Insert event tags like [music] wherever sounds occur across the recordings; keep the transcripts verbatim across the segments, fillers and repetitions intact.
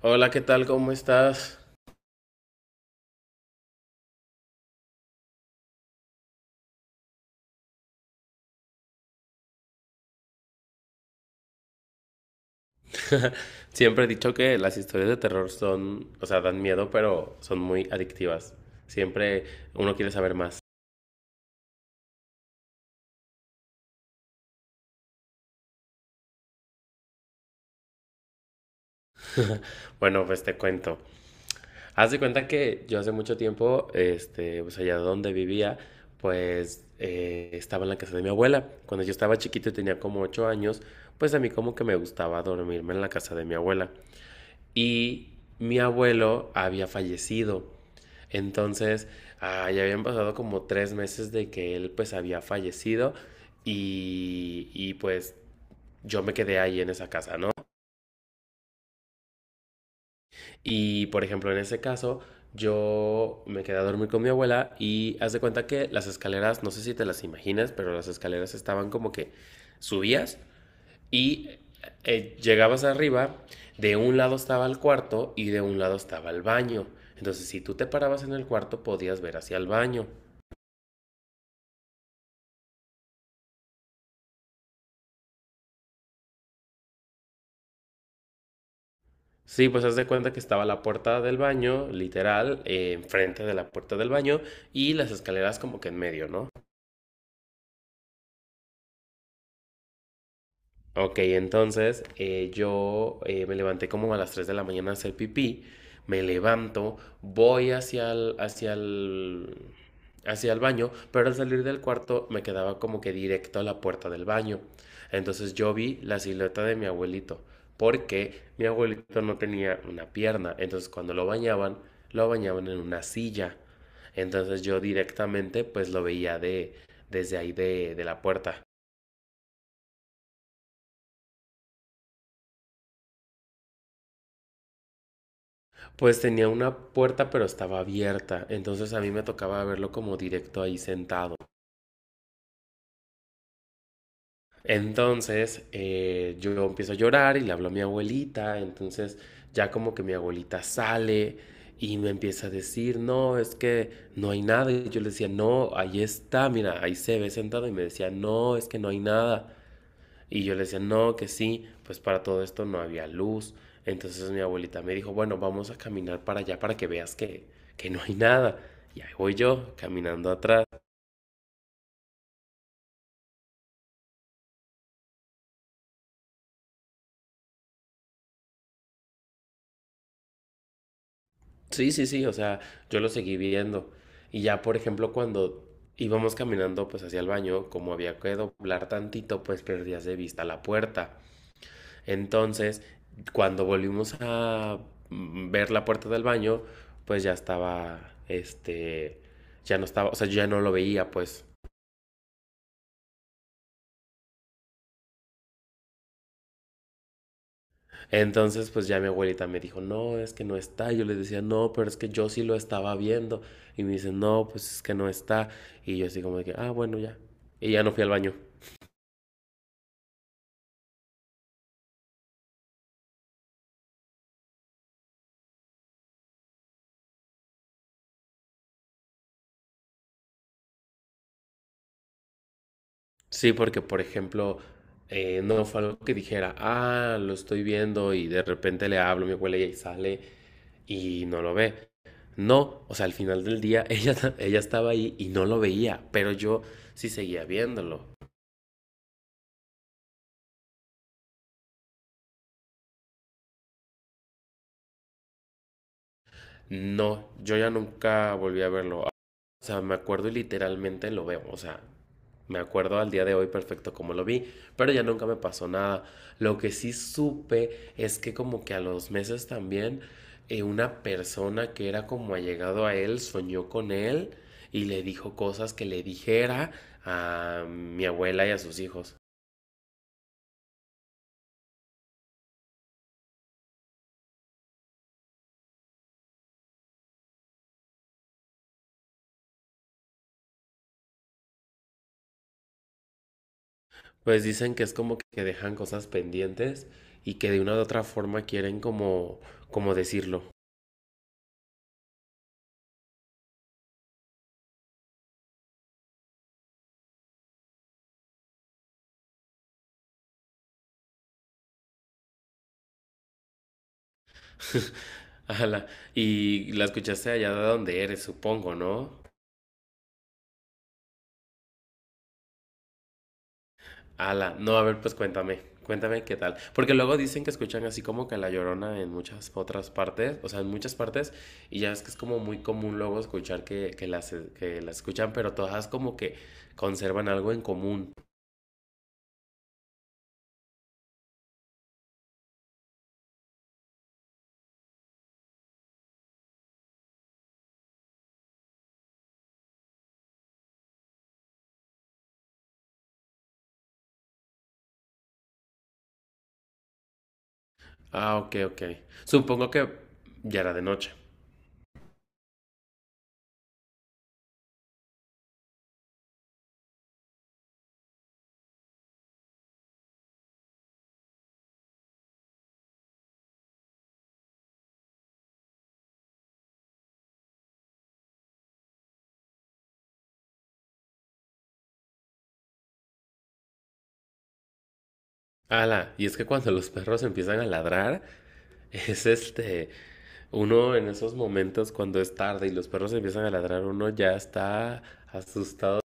Hola, ¿qué tal? ¿Cómo estás? [laughs] Siempre he dicho que las historias de terror son, o sea, dan miedo, pero son muy adictivas. Siempre uno quiere saber más. Bueno, pues te cuento. Haz de cuenta que yo hace mucho tiempo, este, pues allá donde vivía, pues eh, estaba en la casa de mi abuela. Cuando yo estaba chiquito y tenía como ocho años, pues a mí como que me gustaba dormirme en la casa de mi abuela. Y mi abuelo había fallecido. Entonces, ah, ya habían pasado como tres meses de que él pues había fallecido y, y pues yo me quedé ahí en esa casa, ¿no? Y por ejemplo, en ese caso, yo me quedé a dormir con mi abuela y haz de cuenta que las escaleras, no sé si te las imaginas, pero las escaleras estaban como que subías. Y eh, llegabas arriba, de un lado estaba el cuarto y de un lado estaba el baño. Entonces, si tú te parabas en el cuarto, podías ver hacia el baño. Sí, pues haz de cuenta que estaba la puerta del baño, literal, eh, enfrente de la puerta del baño y las escaleras como que en medio, ¿no? Ok, entonces eh, yo eh, me levanté como a las tres de la mañana a hacer pipí, me levanto, voy hacia el, hacia el, hacia el baño, pero al salir del cuarto me quedaba como que directo a la puerta del baño. Entonces yo vi la silueta de mi abuelito, porque mi abuelito no tenía una pierna, entonces cuando lo bañaban, lo bañaban en una silla. Entonces yo directamente pues lo veía de, desde ahí de, de la puerta. Pues tenía una puerta, pero estaba abierta, entonces a mí me tocaba verlo como directo ahí sentado. Entonces eh, yo empiezo a llorar y le hablo a mi abuelita, entonces ya como que mi abuelita sale y me empieza a decir, no, es que no hay nada. Y yo le decía, no, ahí está, mira, ahí se ve sentado y me decía, no, es que no hay nada. Y yo le decía, no, que sí, pues para todo esto no había luz. Entonces mi abuelita me dijo, bueno, vamos a caminar para allá para que veas que, que no hay nada. Y ahí voy yo, caminando atrás. Sí, sí, sí, o sea, yo lo seguí viendo. Y ya, por ejemplo, cuando íbamos caminando pues hacia el baño, como había que doblar tantito, pues perdías de vista la puerta. Entonces, cuando volvimos a mm, ver la puerta del baño, pues ya estaba, este, ya no estaba, o sea, yo ya no lo veía, pues. Entonces, pues ya mi abuelita me dijo, no, es que no está. Yo les decía, no, pero es que yo sí lo estaba viendo. Y me dice, no, pues es que no está. Y yo así como de que, ah, bueno, ya. Y ya no fui al baño. Sí, porque, por ejemplo, eh, no fue algo que dijera, ah, lo estoy viendo y de repente le hablo a mi abuela y ahí sale y no lo ve. No, o sea, al final del día [laughs] ella, ella estaba ahí y no lo veía, pero yo sí seguía viéndolo. No, yo ya nunca volví a verlo. O sea, me acuerdo y literalmente lo veo. O sea, me acuerdo al día de hoy perfecto como lo vi, pero ya nunca me pasó nada. Lo que sí supe es que como que a los meses también eh, una persona que era como allegado a él soñó con él y le dijo cosas que le dijera a mi abuela y a sus hijos. Pues dicen que es como que dejan cosas pendientes y que de una u otra forma quieren como como decirlo. [laughs] Ala, y la escuchaste allá de donde eres, supongo, ¿no? Ala, no, a ver, pues cuéntame, cuéntame qué tal. Porque luego dicen que escuchan así como que La Llorona en muchas otras partes, o sea, en muchas partes, y ya es que es como muy común luego escuchar que, que las, que las escuchan, pero todas como que conservan algo en común. Ah, ok, ok. Supongo que ya era de noche. Ala, y es que cuando los perros empiezan a ladrar, [laughs] es este, uno en esos momentos cuando es tarde y los perros empiezan a ladrar, uno ya está asustado.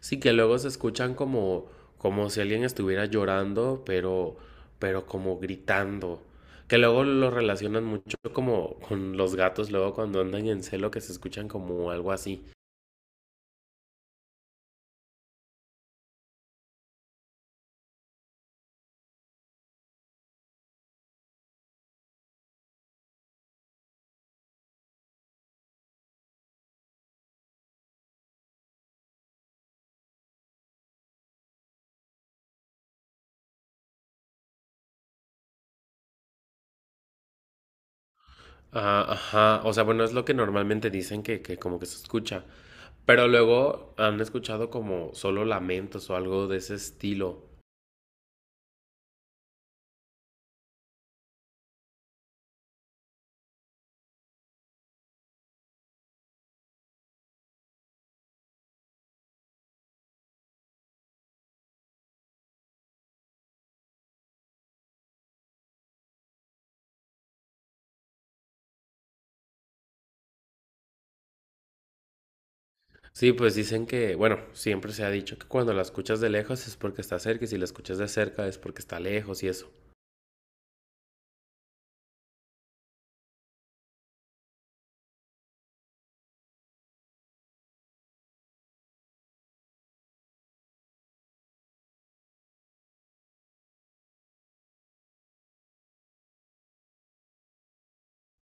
Sí, que luego se escuchan como, como si alguien estuviera llorando, pero, pero como gritando. Que luego lo relacionan mucho como con los gatos, luego cuando andan en celo que se escuchan como algo así. Ah, ajá, o sea, bueno, es lo que normalmente dicen que, que como que se escucha. Pero luego han escuchado como solo lamentos o algo de ese estilo. Sí, pues dicen que, bueno, siempre se ha dicho que cuando la escuchas de lejos es porque está cerca y si la escuchas de cerca es porque está lejos y eso.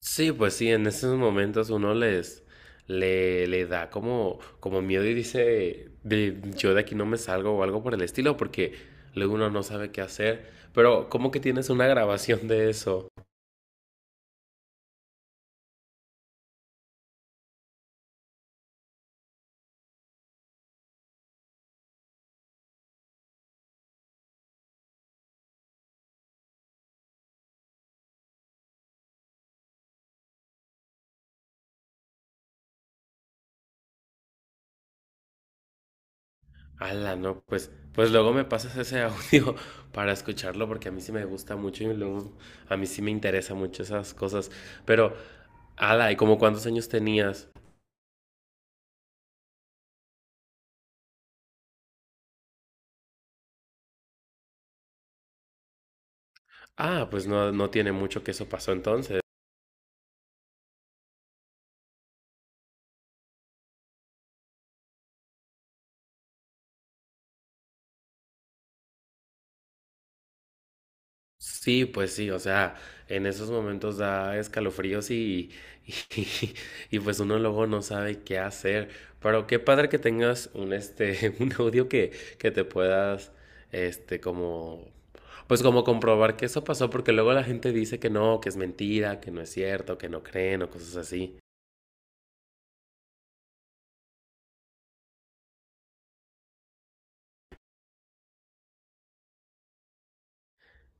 Sí, pues sí, en esos momentos uno les le, le da como, como miedo y dice, de, yo de aquí no me salgo o algo por el estilo, porque luego uno no sabe qué hacer. Pero, ¿cómo que tienes una grabación de eso? Ala, no, pues, pues luego me pasas ese audio [laughs] para escucharlo porque a mí sí me gusta mucho y luego a mí sí me interesa mucho esas cosas. Pero, ala, ¿y como cuántos años tenías? Ah, pues no, no tiene mucho que eso pasó entonces. Sí, pues sí, o sea, en esos momentos da escalofríos y, y, [laughs] y pues uno luego no sabe qué hacer. Pero qué padre que tengas un este, [laughs] un audio que, que te puedas, este, como, pues como comprobar que eso pasó, porque luego la gente dice que no, que es mentira, que no es cierto, que no creen o cosas así.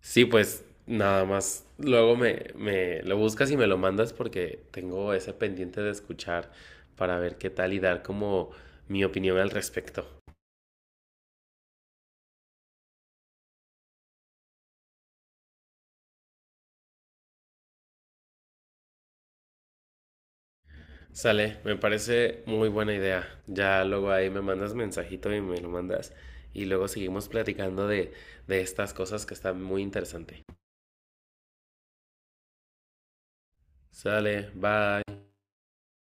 Sí, pues nada más. Luego me, me lo buscas y me lo mandas porque tengo ese pendiente de escuchar para ver qué tal y dar como mi opinión al respecto. Sale, me parece muy buena idea. Ya luego ahí me mandas mensajito y me lo mandas. Y luego seguimos platicando de, de estas cosas que están muy interesante. Sale, bye.